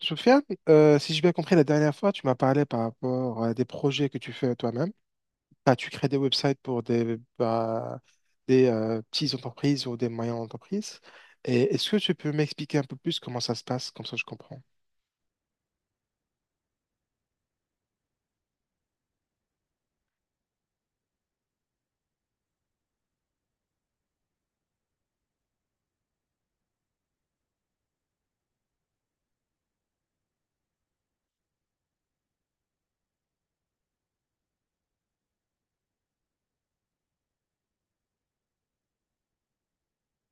Sofiane, si j'ai bien compris la dernière fois, tu m'as parlé par rapport à des projets que tu fais toi-même. Bah, tu crées des websites pour des petites entreprises ou des moyennes entreprises. Et est-ce que tu peux m'expliquer un peu plus comment ça se passe, comme ça je comprends.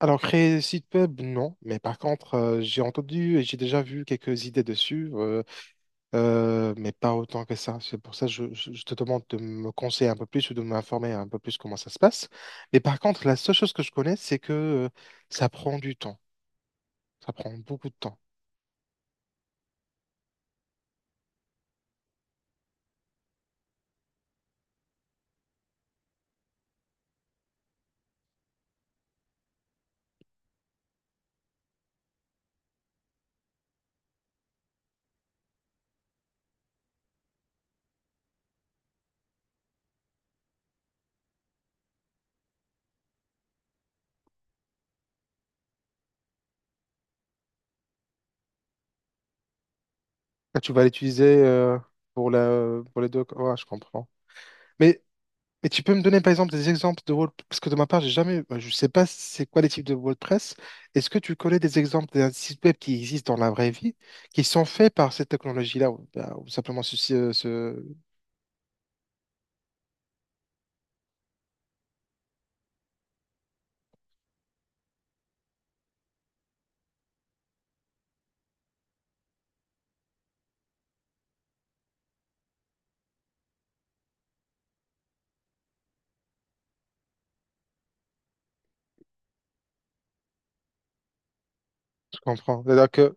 Alors, créer des sites web, non. Mais par contre, j'ai entendu et j'ai déjà vu quelques idées dessus. Mais pas autant que ça. C'est pour ça que je te demande de me conseiller un peu plus ou de m'informer un peu plus comment ça se passe. Mais par contre, la seule chose que je connais, c'est que ça prend du temps. Ça prend beaucoup de temps. Ah, tu vas l'utiliser, pour la, pour les deux. Ouais, je comprends. Mais, mais tu peux me donner par exemple des exemples de Parce que de ma part, j'ai jamais. Bah, je sais pas c'est quoi les types de WordPress. Est-ce que tu connais des exemples d'un site web qui existe dans la vraie vie, qui sont faits par cette technologie-là, ou, bah, ou simplement ceci, Je comprends. C'est-à-dire que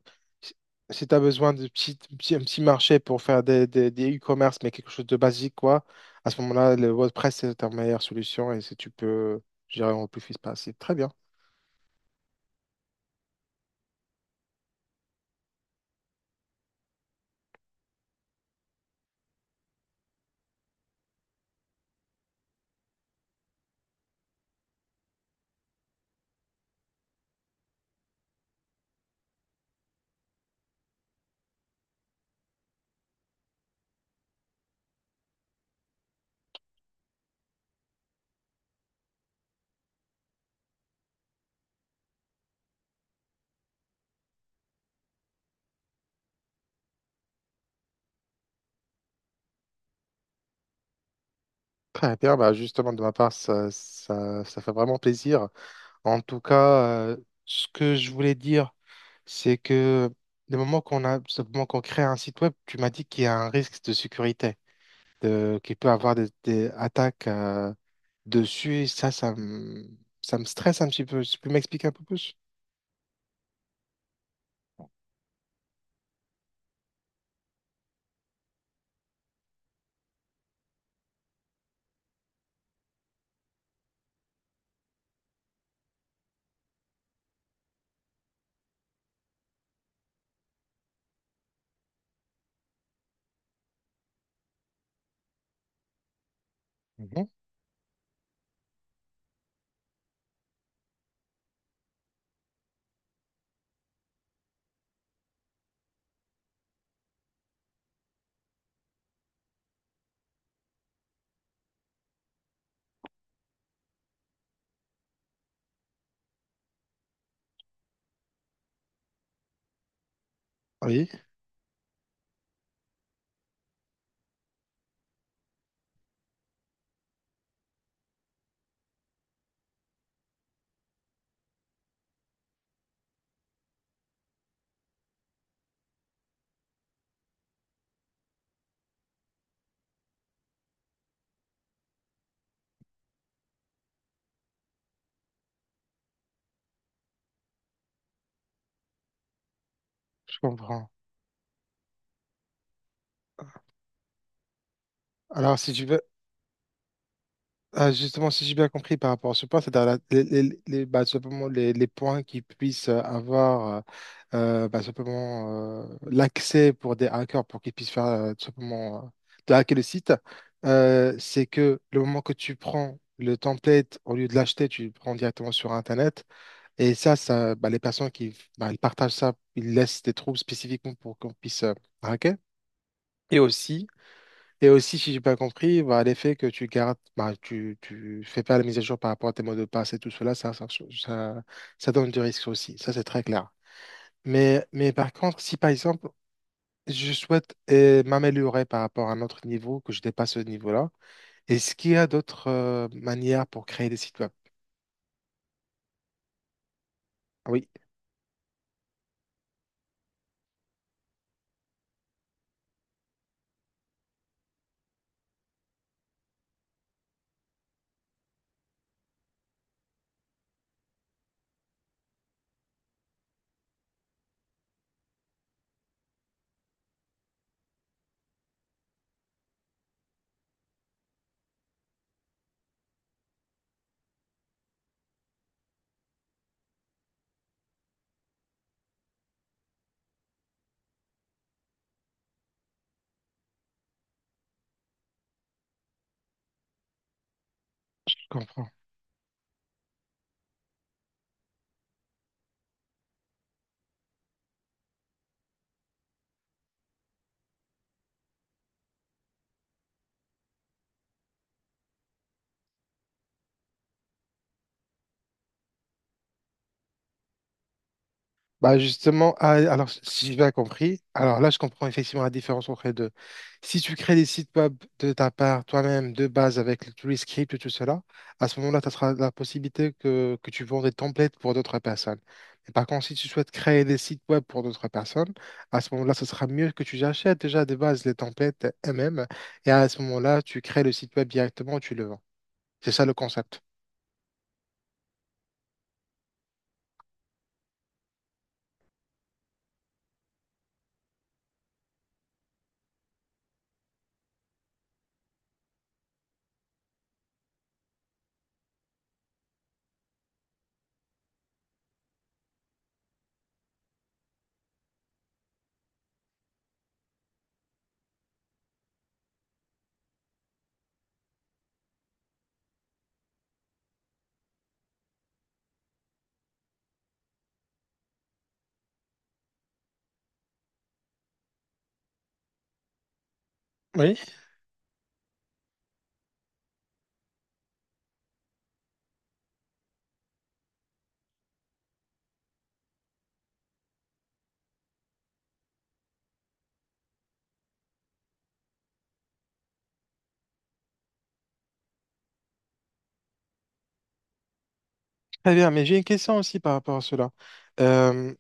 si tu as besoin de un petit marché pour faire des e-commerce, mais quelque chose de basique, quoi, à ce moment-là, le WordPress, c'est ta meilleure solution et si tu peux gérer au plus vite possible. Très bien. Très bien, bah justement de ma part, ça fait vraiment plaisir. En tout cas, ce que je voulais dire, c'est que le moment qu'on a, ce moment qu'on crée un site web, tu m'as dit qu'il y a un risque de sécurité, de, qu'il peut avoir des attaques dessus. Et ça, ça me stresse un petit peu. Tu peux m'expliquer un peu plus? Mhm. Oui, je comprends. Alors, si tu veux. Ah, justement, si j'ai bien compris par rapport à ce point, c'est-à-dire les points qui puissent avoir bah, simplement l'accès pour des hackers pour qu'ils puissent faire tout simplement de hacker le site, c'est que le moment que tu prends le template, au lieu de l'acheter, tu le prends directement sur Internet. Et ça bah, les personnes qui bah, ils partagent ça, ils laissent des trous spécifiquement pour qu'on puisse hacker. Et aussi, si j'ai pas compris, bah, l'effet que tu gardes, bah, tu fais pas la mise à jour par rapport à tes mots de passe et tout cela, ça, ça donne du risque aussi. Ça, c'est très clair. Mais par contre, si par exemple, je souhaite m'améliorer par rapport à un autre niveau, que je dépasse ce niveau-là, est-ce qu'il y a d'autres manières pour créer des sites web? Ah oui, je comprends. Bah justement, ah, alors si j'ai bien compris, alors là je comprends effectivement la différence entre les deux. Si tu crées des sites web de ta part toi-même de base avec tous les scripts et tout cela, à ce moment-là, tu auras la possibilité que tu vends des templates pour d'autres personnes. Et par contre, si tu souhaites créer des sites web pour d'autres personnes, à ce moment-là, ce sera mieux que tu achètes déjà de base les templates eux-mêmes et à ce moment-là, tu crées le site web directement, tu le vends. C'est ça le concept. Oui, très bien, mais j'ai une question aussi par rapport à cela. Euh,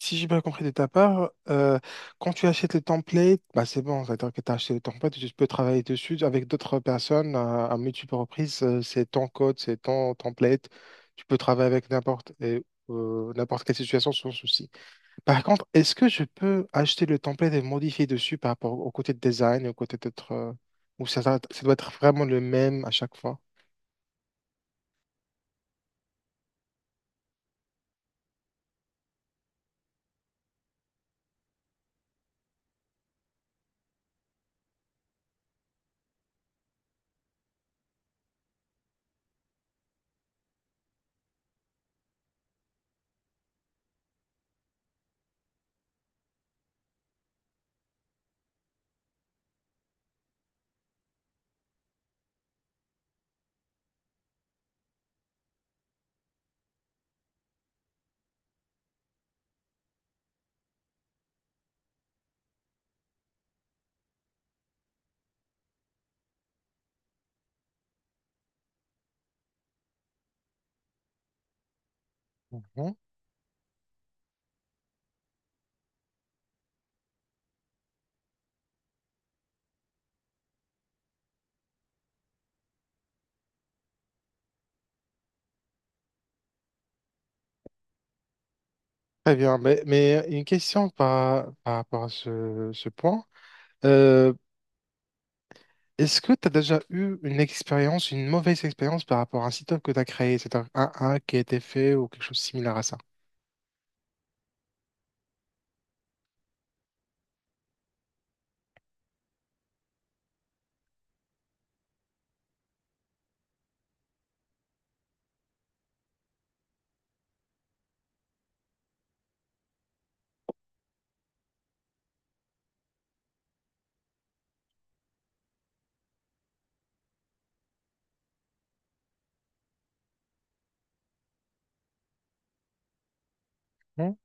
Si j'ai bien compris de ta part, quand tu achètes le template, bah c'est bon, c'est-à-dire que tu as acheté le template, tu peux travailler dessus avec d'autres personnes à multiples reprises. C'est ton code, c'est ton template. Tu peux travailler avec n'importe et, n'importe quelle situation sans souci. Par contre, est-ce que je peux acheter le template et le modifier dessus par rapport au côté de design, et au côté ou ça, ça doit être vraiment le même à chaque fois? Mhm. Très bien, mais une question par rapport à ce point. Euh, Est-ce que tu as déjà eu une expérience, une mauvaise expérience par rapport à un site web que tu as créé? C'est un hack qui a été fait ou quelque chose de similaire à ça? Hein?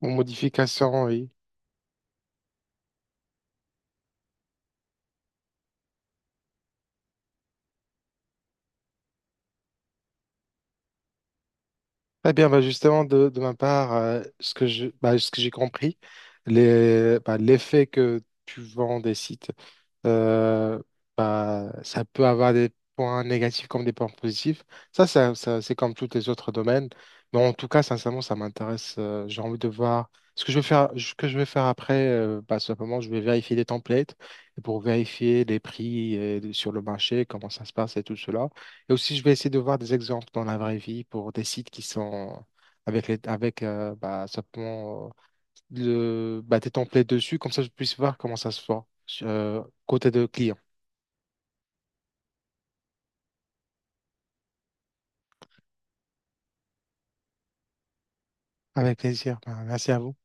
Ou modification, oui. Très bien, bah justement, de ma part, ce que j'ai compris, l'effet que tu vends des sites, euh, bah, ça peut avoir des points négatifs comme des points positifs. Ça, c'est comme tous les autres domaines. Mais en tout cas, sincèrement, ça m'intéresse. J'ai envie de voir ce que je vais faire, ce que je vais faire après. Bah, simplement, je vais vérifier les templates pour vérifier les prix sur le marché, comment ça se passe et tout cela. Et aussi, je vais essayer de voir des exemples dans la vraie vie pour des sites qui sont avec les, avec, bah, simplement le, bah, tes templates dessus, comme ça je puisse voir comment ça se fait, côté de client. Avec plaisir. Bah, merci à vous.